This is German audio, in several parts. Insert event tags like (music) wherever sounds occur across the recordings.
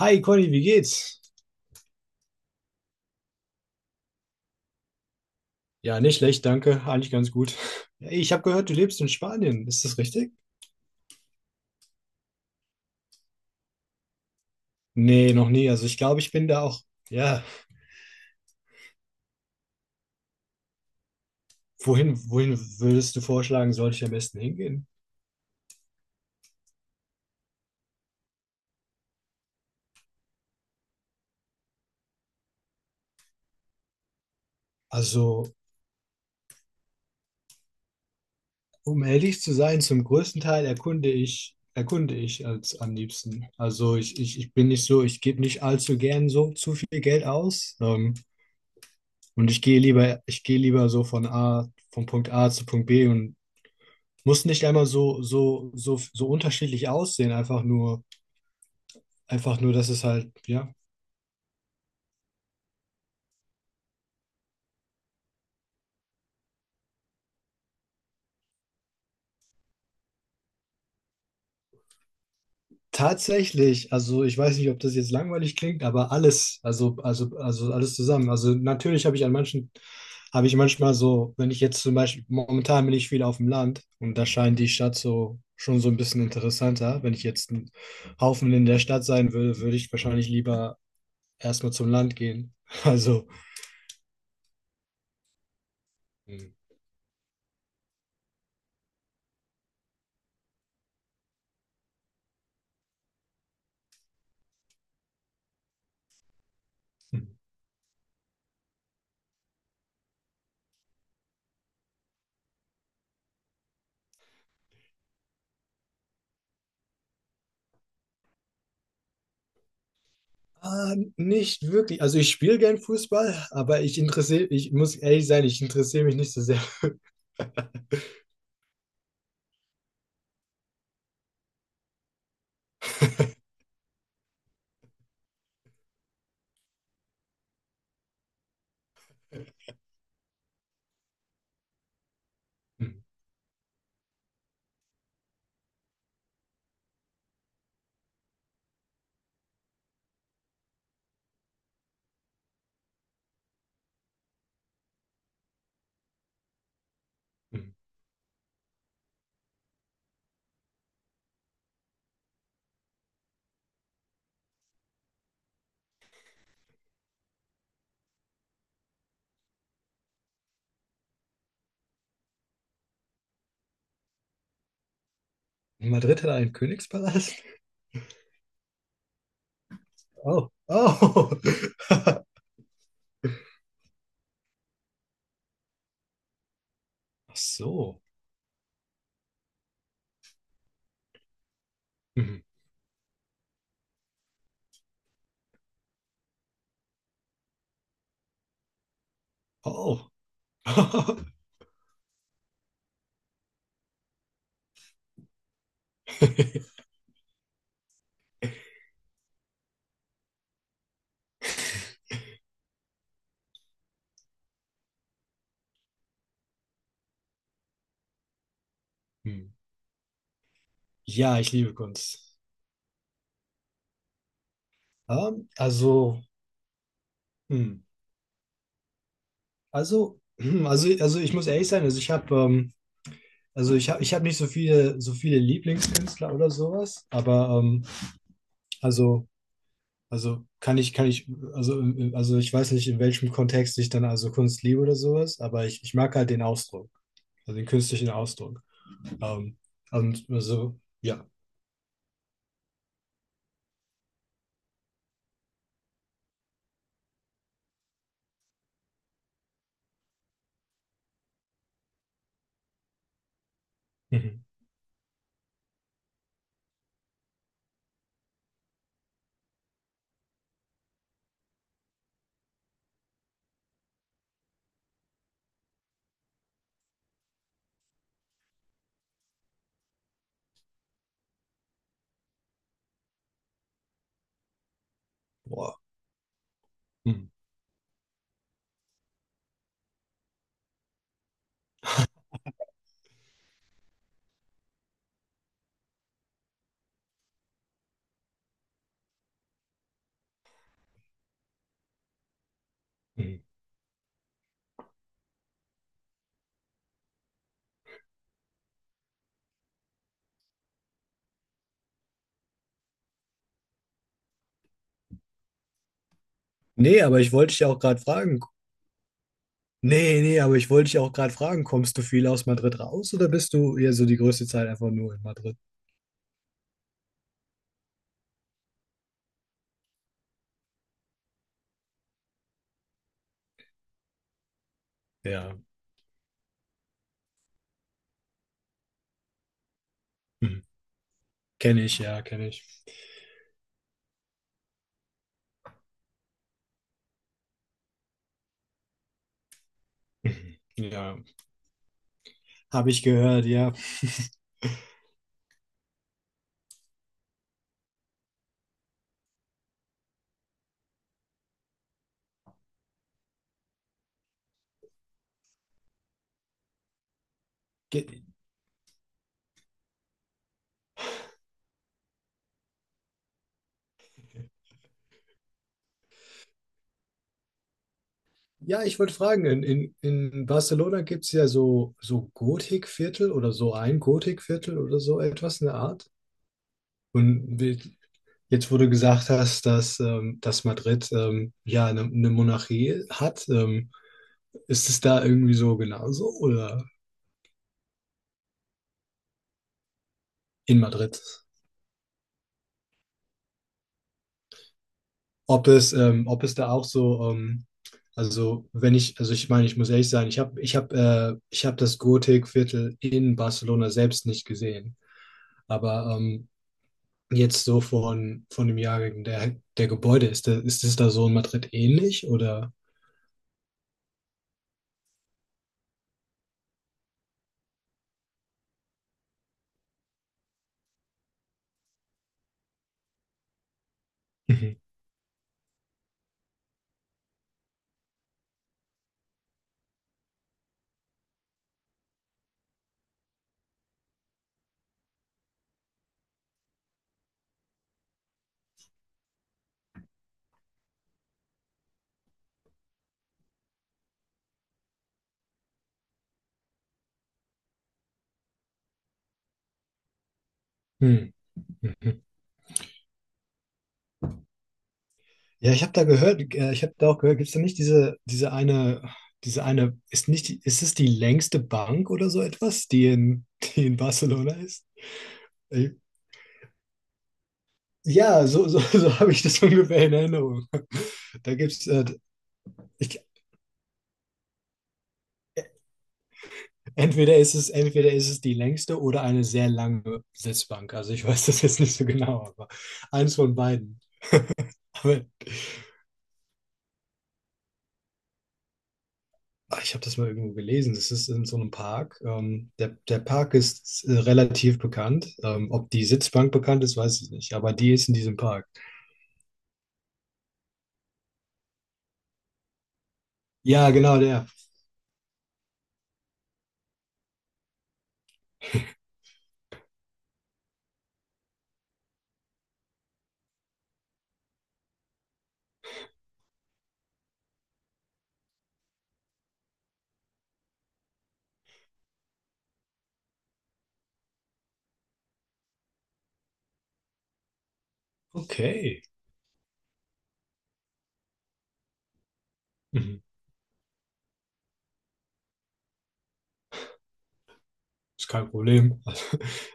Hi Conny, wie geht's? Ja, nicht schlecht, danke. Eigentlich ganz gut. Ich habe gehört, du lebst in Spanien. Ist das richtig? Nee, noch nie. Also ich glaube, ich bin da auch. Ja, wohin würdest du vorschlagen, sollte ich am besten hingehen? Also, um ehrlich zu sein, zum größten Teil erkunde ich als am liebsten. Also ich bin nicht so, ich gebe nicht allzu gern so zu viel Geld aus. Und ich gehe lieber so von Punkt A zu Punkt B und muss nicht einmal so unterschiedlich aussehen, einfach nur, dass es halt, ja. Tatsächlich, also ich weiß nicht, ob das jetzt langweilig klingt, aber alles, also alles zusammen. Also natürlich habe ich habe ich manchmal so, wenn ich jetzt zum Beispiel, momentan bin ich viel auf dem Land und da scheint die Stadt so schon so ein bisschen interessanter. Wenn ich jetzt ein Haufen in der Stadt sein würde, würde ich wahrscheinlich lieber erstmal zum Land gehen. (laughs) Also, hm. Ah, nicht wirklich. Also ich spiele gern Fußball, aber ich muss ehrlich sein, ich interessiere mich nicht so sehr. (laughs) Hm, hm. Madrid hat einen Königspalast? Oh, oh. (laughs) Ach so. Hm. Oh. (laughs) Hm. Ja, ich liebe Kunst. Also, hm. Also ich muss ehrlich sein, also ich habe nicht so viele, so viele Lieblingskünstler oder sowas, aber also. Also kann ich, also ich weiß nicht, in welchem Kontext ich dann also Kunst liebe oder sowas, aber ich mag halt den Ausdruck, also den künstlichen Ausdruck. Ähm, und also, ja. Mhm. Boah. Mhm. Mhm. Nee, aber ich wollte dich ja auch gerade fragen. Aber ich wollte dich ja auch gerade fragen, kommst du viel aus Madrid raus oder bist du eher so die größte Zeit einfach nur in Madrid? Ja. Mhm. Kenne ich, ja, kenne ich. Mhm. Ja. Habe ich gehört, ja. Ge ja, ich wollte fragen, in, in Barcelona gibt es ja so, so Gotikviertel oder so ein Gotikviertel oder so etwas in der Art. Und wie, jetzt, wo du gesagt hast, dass, dass Madrid ja eine Monarchie hat, ist es da irgendwie so genauso oder in Madrid? Ob es da auch so, also wenn ich, also ich meine, ich muss ehrlich sein, ich habe das Gotikviertel in Barcelona selbst nicht gesehen. Aber jetzt so von dem Jahrgang der Gebäude ist das da so in Madrid ähnlich oder? Mhm. Hm. Mhm. Ja, ich habe da gehört, ich habe da auch gehört, gibt es da nicht diese eine, ist nicht, die- ist es die längste Bank oder so etwas, die in, die in Barcelona ist? Äh, Ja, (laughs) so habe ich das ungefähr in Erinnerung. Da gibt's, ich, entweder ist es die längste oder eine sehr lange Sitzbank. Also ich weiß das jetzt nicht so genau, aber eins von beiden. Aber Ah, ich habe das mal irgendwo gelesen. Das ist in so einem Park. Der Park ist relativ bekannt. Ob die Sitzbank bekannt ist, weiß ich nicht. Aber die ist in diesem Park. Ja, genau, der. Okay. Mhm. Ist kein Problem. (laughs)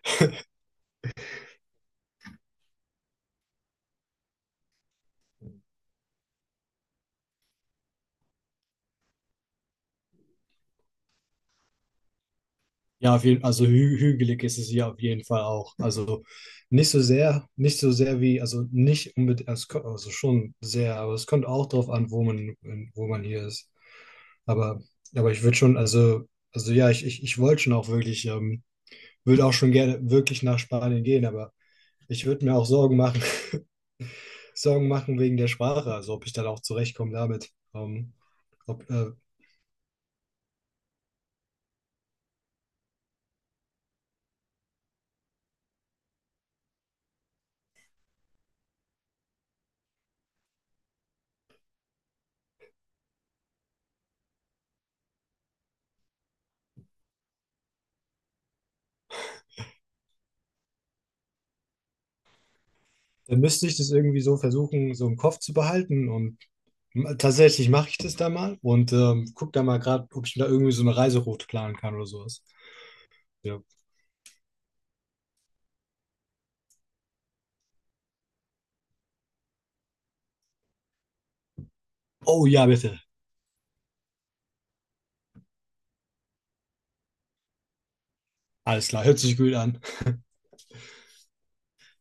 Ja, auf jeden, also hü hügelig ist es hier auf jeden Fall auch. Also nicht so sehr wie, also nicht unbedingt, es ko- also schon sehr, aber es kommt auch drauf an, wo man hier ist. Aber, aber ich würde schon, also ja, ich wollte schon auch wirklich würde auch schon gerne wirklich nach Spanien gehen, aber ich würde mir auch Sorgen machen, (laughs) Sorgen machen wegen der Sprache, also ob ich dann auch zurechtkomme damit. Ob, äh, Dann müsste ich das irgendwie so versuchen, so im Kopf zu behalten und tatsächlich mache ich das da mal und guck da mal gerade, ob ich da irgendwie so eine Reiseroute planen kann oder sowas. Ja. Oh ja, bitte. Alles klar, hört sich gut an.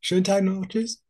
Schönen Tag noch, tschüss.